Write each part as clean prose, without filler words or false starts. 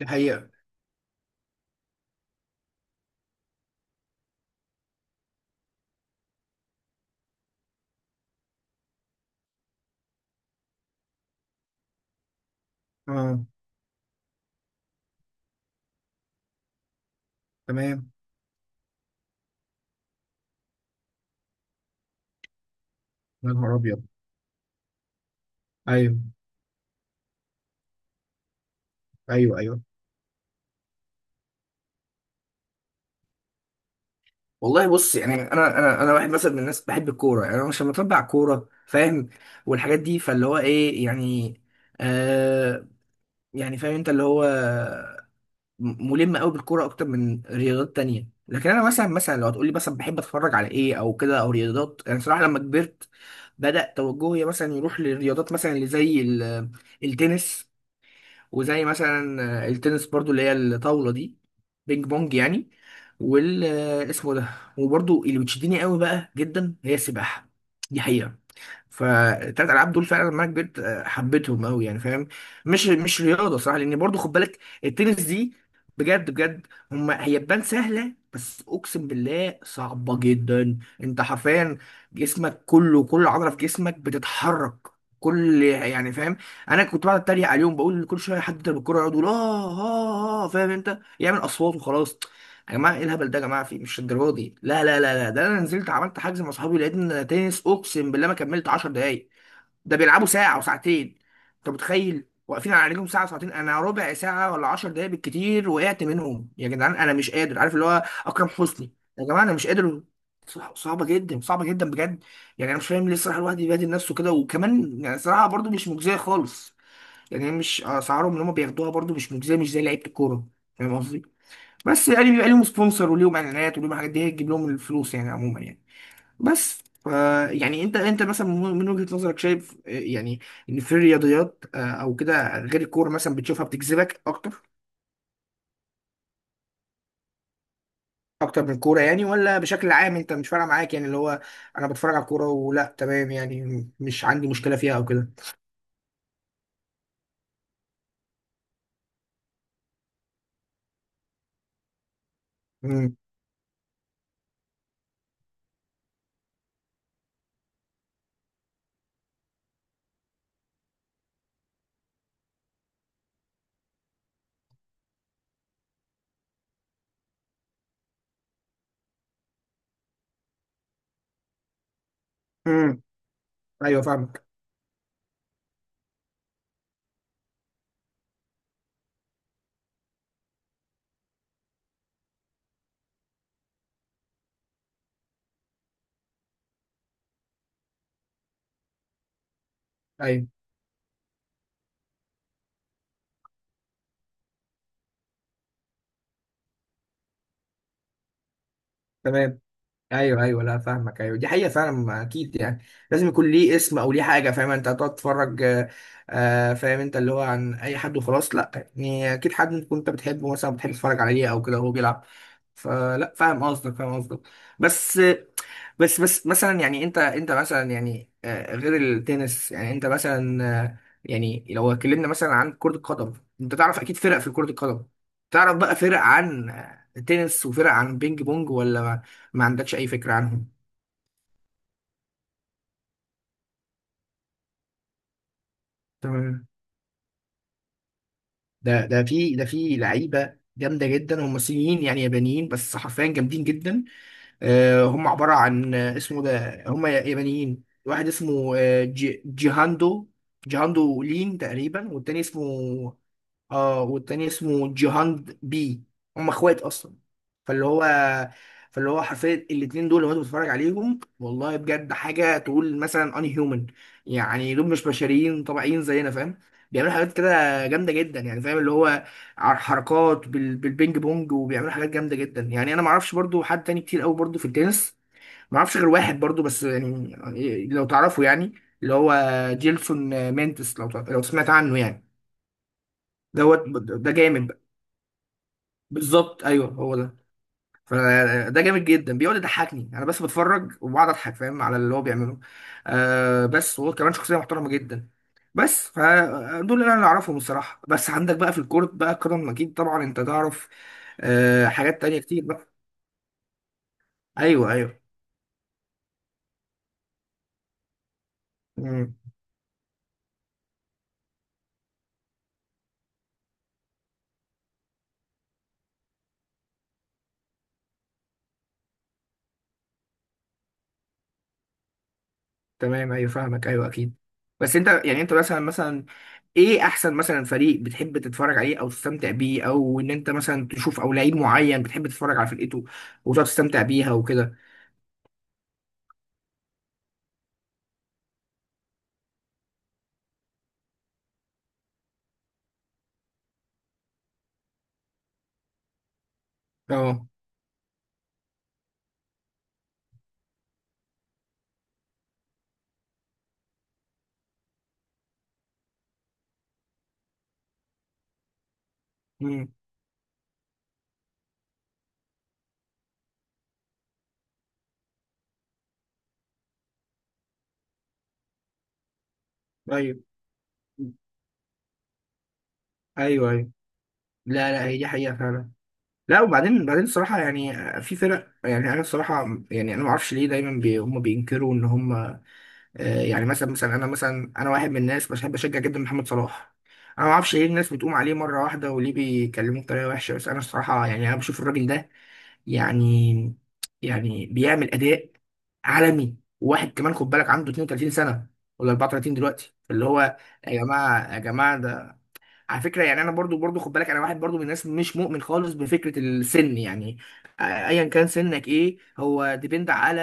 دي حقيقة. اه، تمام. يا نهار ابيض! ايوه ايوه ايوه. والله بص، يعني انا واحد مثلا من الناس بحب الكوره. يعني انا مش لما اتابع كوره فاهم والحاجات دي، فاللي هو ايه يعني؟ آه، يعني فاهم انت اللي هو ملم قوي بالكوره اكتر من رياضات تانية. لكن انا مثلا لو هتقولي مثلا بحب اتفرج على ايه او كده او رياضات، يعني صراحه لما كبرت بدأ توجهي مثلا يروح للرياضات مثلا التنس، وزي مثلا التنس برضو اللي هي الطاولة دي، بينج بونج يعني. وال آه، اسمه ده وبرضو اللي بتشدني قوي بقى جدا هي السباحة. دي حقيقة. فالتلات العاب دول فعلا لما أنا كبرت حبيتهم قوي يعني فاهم. مش رياضه صح، لان برضو خد بالك التنس دي، بجد بجد، هما هي تبان سهله بس اقسم بالله صعبه جدا. انت حرفيا جسمك كله، كل عضله في جسمك بتتحرك، كل يعني فاهم. انا كنت بقعد اتريق عليهم بقول كل شويه حد يضرب الكوره يقعد يقول اه اه اه، فاهم انت، يعمل اصوات وخلاص. يا جماعه ايه الهبل ده، يا جماعه في مش الدرجه دي. لا، ده انا نزلت عملت حجز مع اصحابي، لقيت ان تنس اقسم بالله ما كملت 10 دقايق. ده بيلعبوا ساعه وساعتين، انت متخيل، واقفين على رجلهم ساعه وساعتين. انا ربع ساعه ولا 10 دقايق بالكتير وقعت منهم. يا جدعان انا مش قادر، عارف اللي هو اكرم حسني، يا جماعه انا مش قادر. صعبه جدا، صعبه جدا بجد. يعني انا مش فاهم ليه الصراحه الواحد يبهدل نفسه كده، وكمان يعني الصراحه برضو مش مجزيه خالص. يعني مش اسعارهم اللي هم بياخدوها برضو مش مجزيه، مش زي لعيبه الكوره، فاهم قصدي. بس يعني بيبقى ليهم سبونسر وليهم اعلانات وليهم حاجات، دي هي تجيب لهم الفلوس يعني عموما يعني. بس ف يعني انت مثلا من وجهة نظرك شايف، يعني ان في الرياضيات او كده غير الكوره مثلا بتشوفها بتجذبك اكتر، اكتر من الكوره؟ يعني ولا بشكل عام انت مش فارقه معاك، يعني اللي هو انا بتفرج على الكوره ولا تمام يعني مش عندي مشكله فيها او كده. امم. امم. ايوه فاهمك. ايوه تمام. ايوه ايوه، لا فاهمك، ايوه دي حقيقه فعلا. ما اكيد يعني لازم يكون ليه اسم او ليه حاجه، فاهم انت، هتقعد تتفرج فاهم انت اللي هو عن اي حد وخلاص؟ لا. يعني اكيد حد تكون انت بتحبه مثلا، بتحب تتفرج عليه او كده وهو بيلعب. فلا فاهم قصدك، فاهم قصدك. بس بس مثلا يعني انت مثلا، يعني غير التنس، يعني انت مثلا يعني لو اتكلمنا مثلا عن كرة القدم، انت تعرف اكيد فرق في كرة القدم، تعرف بقى فرق عن تنس وفرق عن بينج بونج، ولا ما عندكش اي فكرة عنهم؟ تمام. ده ده في ده في لعيبة جامدة جدا، هم صينيين يعني يابانيين، بس حرفيا جامدين جدا. هم عبارة عن آه، اسمه ده هم يابانيين، واحد اسمه جيهاندو، جيهاندو لين تقريبا، والتاني اسمه، اه، والتاني اسمه جيهان بي، هم اخوات اصلا. فاللي هو فاللي هو حرفيا الاتنين دول لو انت بتتفرج عليهم، والله بجد حاجه تقول مثلا ان هيومن، يعني دول مش بشريين طبيعيين زينا فاهم. بيعملوا حاجات كده جامده جدا يعني فاهم اللي هو حركات بالبينج بونج، وبيعملوا حاجات جامده جدا. يعني انا ما اعرفش برضو حد تاني كتير قوي برضو في التنس، ما اعرفش غير واحد برضو بس يعني لو تعرفه يعني، اللي هو جيلسون مينتس، لو سمعت عنه يعني. دوت. ده جامد. بالظبط، ايوه هو ده. فده جامد جدا، بيقعد يضحكني، انا بس بتفرج وبقعد اضحك فاهم على اللي هو بيعمله. آه، بس وهو كمان شخصيه محترمه جدا. بس فدول اللي انا اعرفهم الصراحه. بس عندك بقى في الكورت بقى كرم اكيد طبعا انت تعرف، آه، حاجات تانية كتير بقى. ايوه ايوه. مم. تمام ايوه فاهمك، ايوه اكيد. بس انت يعني انت مثلا، ايه احسن مثلا فريق بتحب تتفرج عليه او تستمتع بيه، او ان انت مثلا تشوف او لعيب معين بتحب تتفرج على فرقته وتقعد تستمتع بيها وكده؟ اه. امم. ايوه ايوه ايوه. لا لا، هي دي حقيقة فعلا. لا وبعدين الصراحة يعني في فرق، يعني انا الصراحة يعني انا ما اعرفش ليه دايما بي هم بينكروا ان هم، يعني مثلا انا مثلا، انا واحد من الناس بحب اشجع جدا محمد صلاح. انا ما اعرفش ليه الناس بتقوم عليه مرة واحدة، وليه بيكلموه بطريقة وحشة. بس انا الصراحة يعني انا بشوف الراجل ده، يعني بيعمل اداء عالمي، واحد كمان خد بالك عنده 32 سنة ولا 34 دلوقتي اللي هو. يا جماعة، يا جماعة، على فكره يعني انا برضو خد بالك، انا واحد برضو من الناس مش مؤمن خالص بفكره السن يعني. ايا كان سنك، ايه هو ديبند على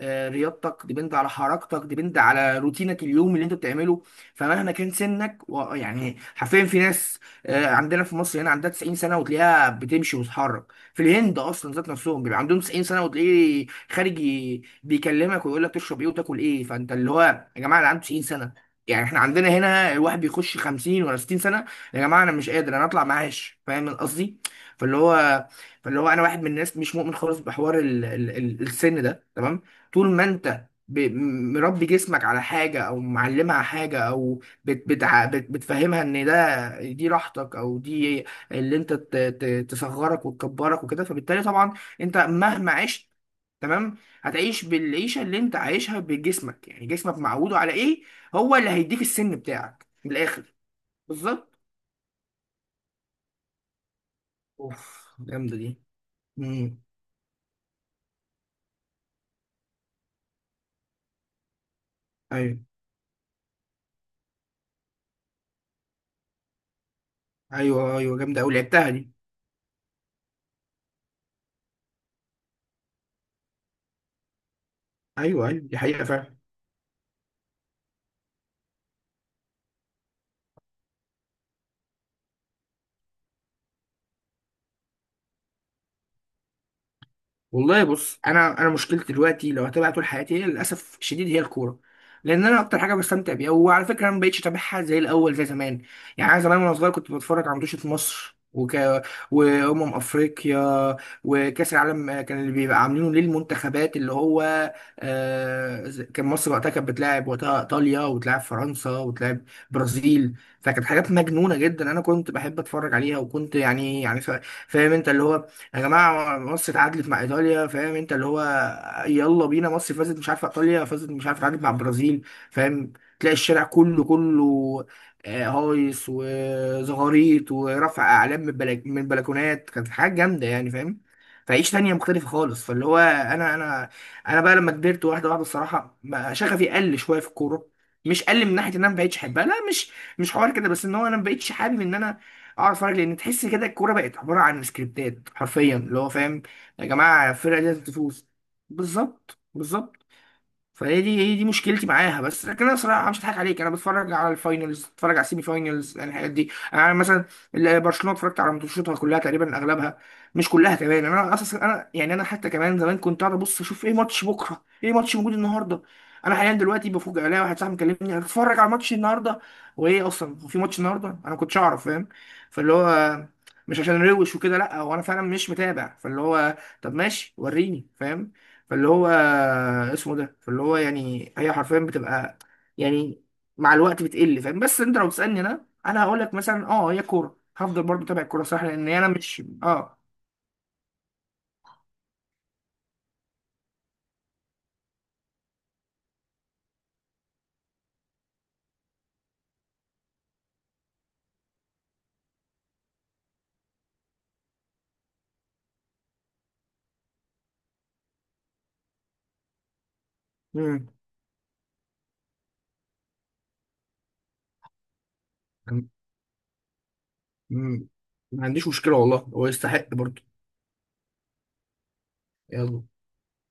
رياضتك، ديبند على حركتك، ديبند على روتينك اليوم اللي انت بتعمله. فمهما كان سنك يعني حرفيا في ناس عندنا في مصر هنا عندها 90 سنه وتلاقيها بتمشي وتتحرك. في الهند اصلا ذات نفسهم بيبقى عندهم 90 سنه، وتلاقيه خارج بيكلمك ويقول لك تشرب ايه وتاكل ايه. فانت اللي هو، يا جماعه اللي عنده 90 سنه، يعني احنا عندنا هنا الواحد بيخش 50 ولا 60 سنه، يا جماعه انا مش قادر انا اطلع معاش، فاهم قصدي. فاللي هو فاللي هو انا واحد من الناس مش مؤمن خالص بحوار السن ده، تمام. طول ما انت مربي جسمك على حاجه، او معلمها حاجه، او بتفهمها ان ده دي راحتك، او دي اللي انت تصغرك وتكبرك وكده، فبالتالي طبعا انت مهما عشت، تمام، هتعيش بالعيشه اللي انت عايشها بجسمك، يعني جسمك معوده على ايه هو اللي هيديك السن بتاعك من الاخر. بالظبط. اوف جامده دي. امم. ايوه ايوه. ايوه جامده قوي لعبتها دي. ايوه ايوه دي حقيقه فعلا. والله بص، انا مشكلتي دلوقتي لو هتابع طول حياتي هي للاسف الشديد هي الكوره، لان انا اكتر حاجه بستمتع بيها. وعلى فكره انا ما بقتش اتابعها زي الاول زي زمان. يعني انا زمان وانا صغير كنت بتفرج على ماتشات مصر وامم افريقيا، وكاس العالم كان اللي بيبقى عاملينه للمنتخبات اللي هو كان مصر وقتها كانت بتلاعب وقتها ايطاليا، وتلاعب فرنسا، وتلاعب برازيل. فكانت حاجات مجنونه جدا، انا كنت بحب اتفرج عليها، وكنت يعني يعني فاهم انت اللي هو، يا جماعه مصر اتعادلت مع ايطاليا، فاهم انت اللي هو، يلا بينا مصر فازت، مش عارفه ايطاليا فازت، مش عارفه اتعادلت مع البرازيل، فاهم. تلاقي الشارع كله هايص وزغاريط ورفع اعلام من بلك من البلكونات، كانت حاجه جامده يعني فاهم. فعيش تانية مختلفة خالص. فاللي هو أنا بقى لما كبرت واحدة واحدة، الصراحة شغفي قل شوية في الكورة. مش قل من ناحية إن أنا ما بقتش أحبها، لا، مش حوار كده، بس إن هو أنا ما بقتش حابب إن أنا اقعد اتفرج، لان تحس كده الكوره بقت عباره عن سكريبتات حرفيا اللي هو فاهم، يا جماعه الفرقه دي لازم تفوز. بالظبط، بالظبط. فهي دي هي دي مشكلتي معاها. بس لكن انا صراحه مش هضحك عليك، انا بتفرج على الفاينلز، بتفرج على السيمي فاينلز، يعني الحاجات دي. انا مثلا برشلونه اتفرجت على ماتشاتها كلها تقريبا اغلبها، مش كلها كمان. انا اصلا انا حتى كمان زمان كنت قاعد ابص اشوف ايه ماتش بكره، ايه ماتش موجود النهارده. انا حاليا دلوقتي بفوجئ الاقي واحد صاحبي مكلمني هتتفرج على ماتش النهارده، وايه اصلا هو في ماتش النهارده؟ انا ما كنتش اعرف فاهم. فاللي هو مش عشان روش وكده، لا، هو انا فعلا مش متابع. فاللي هو طب ماشي وريني فاهم. فاللي هو فاللي هو يعني هي حرفيا بتبقى يعني مع الوقت بتقل فاهم. بس انت لو تسالني، انا هقول لك مثلا اه هي كوره، هفضل برضه اتابع الكوره صح، لان انا مش اه. مم. مم. ما عنديش مشكله والله، هو يستحق برضه. يلا.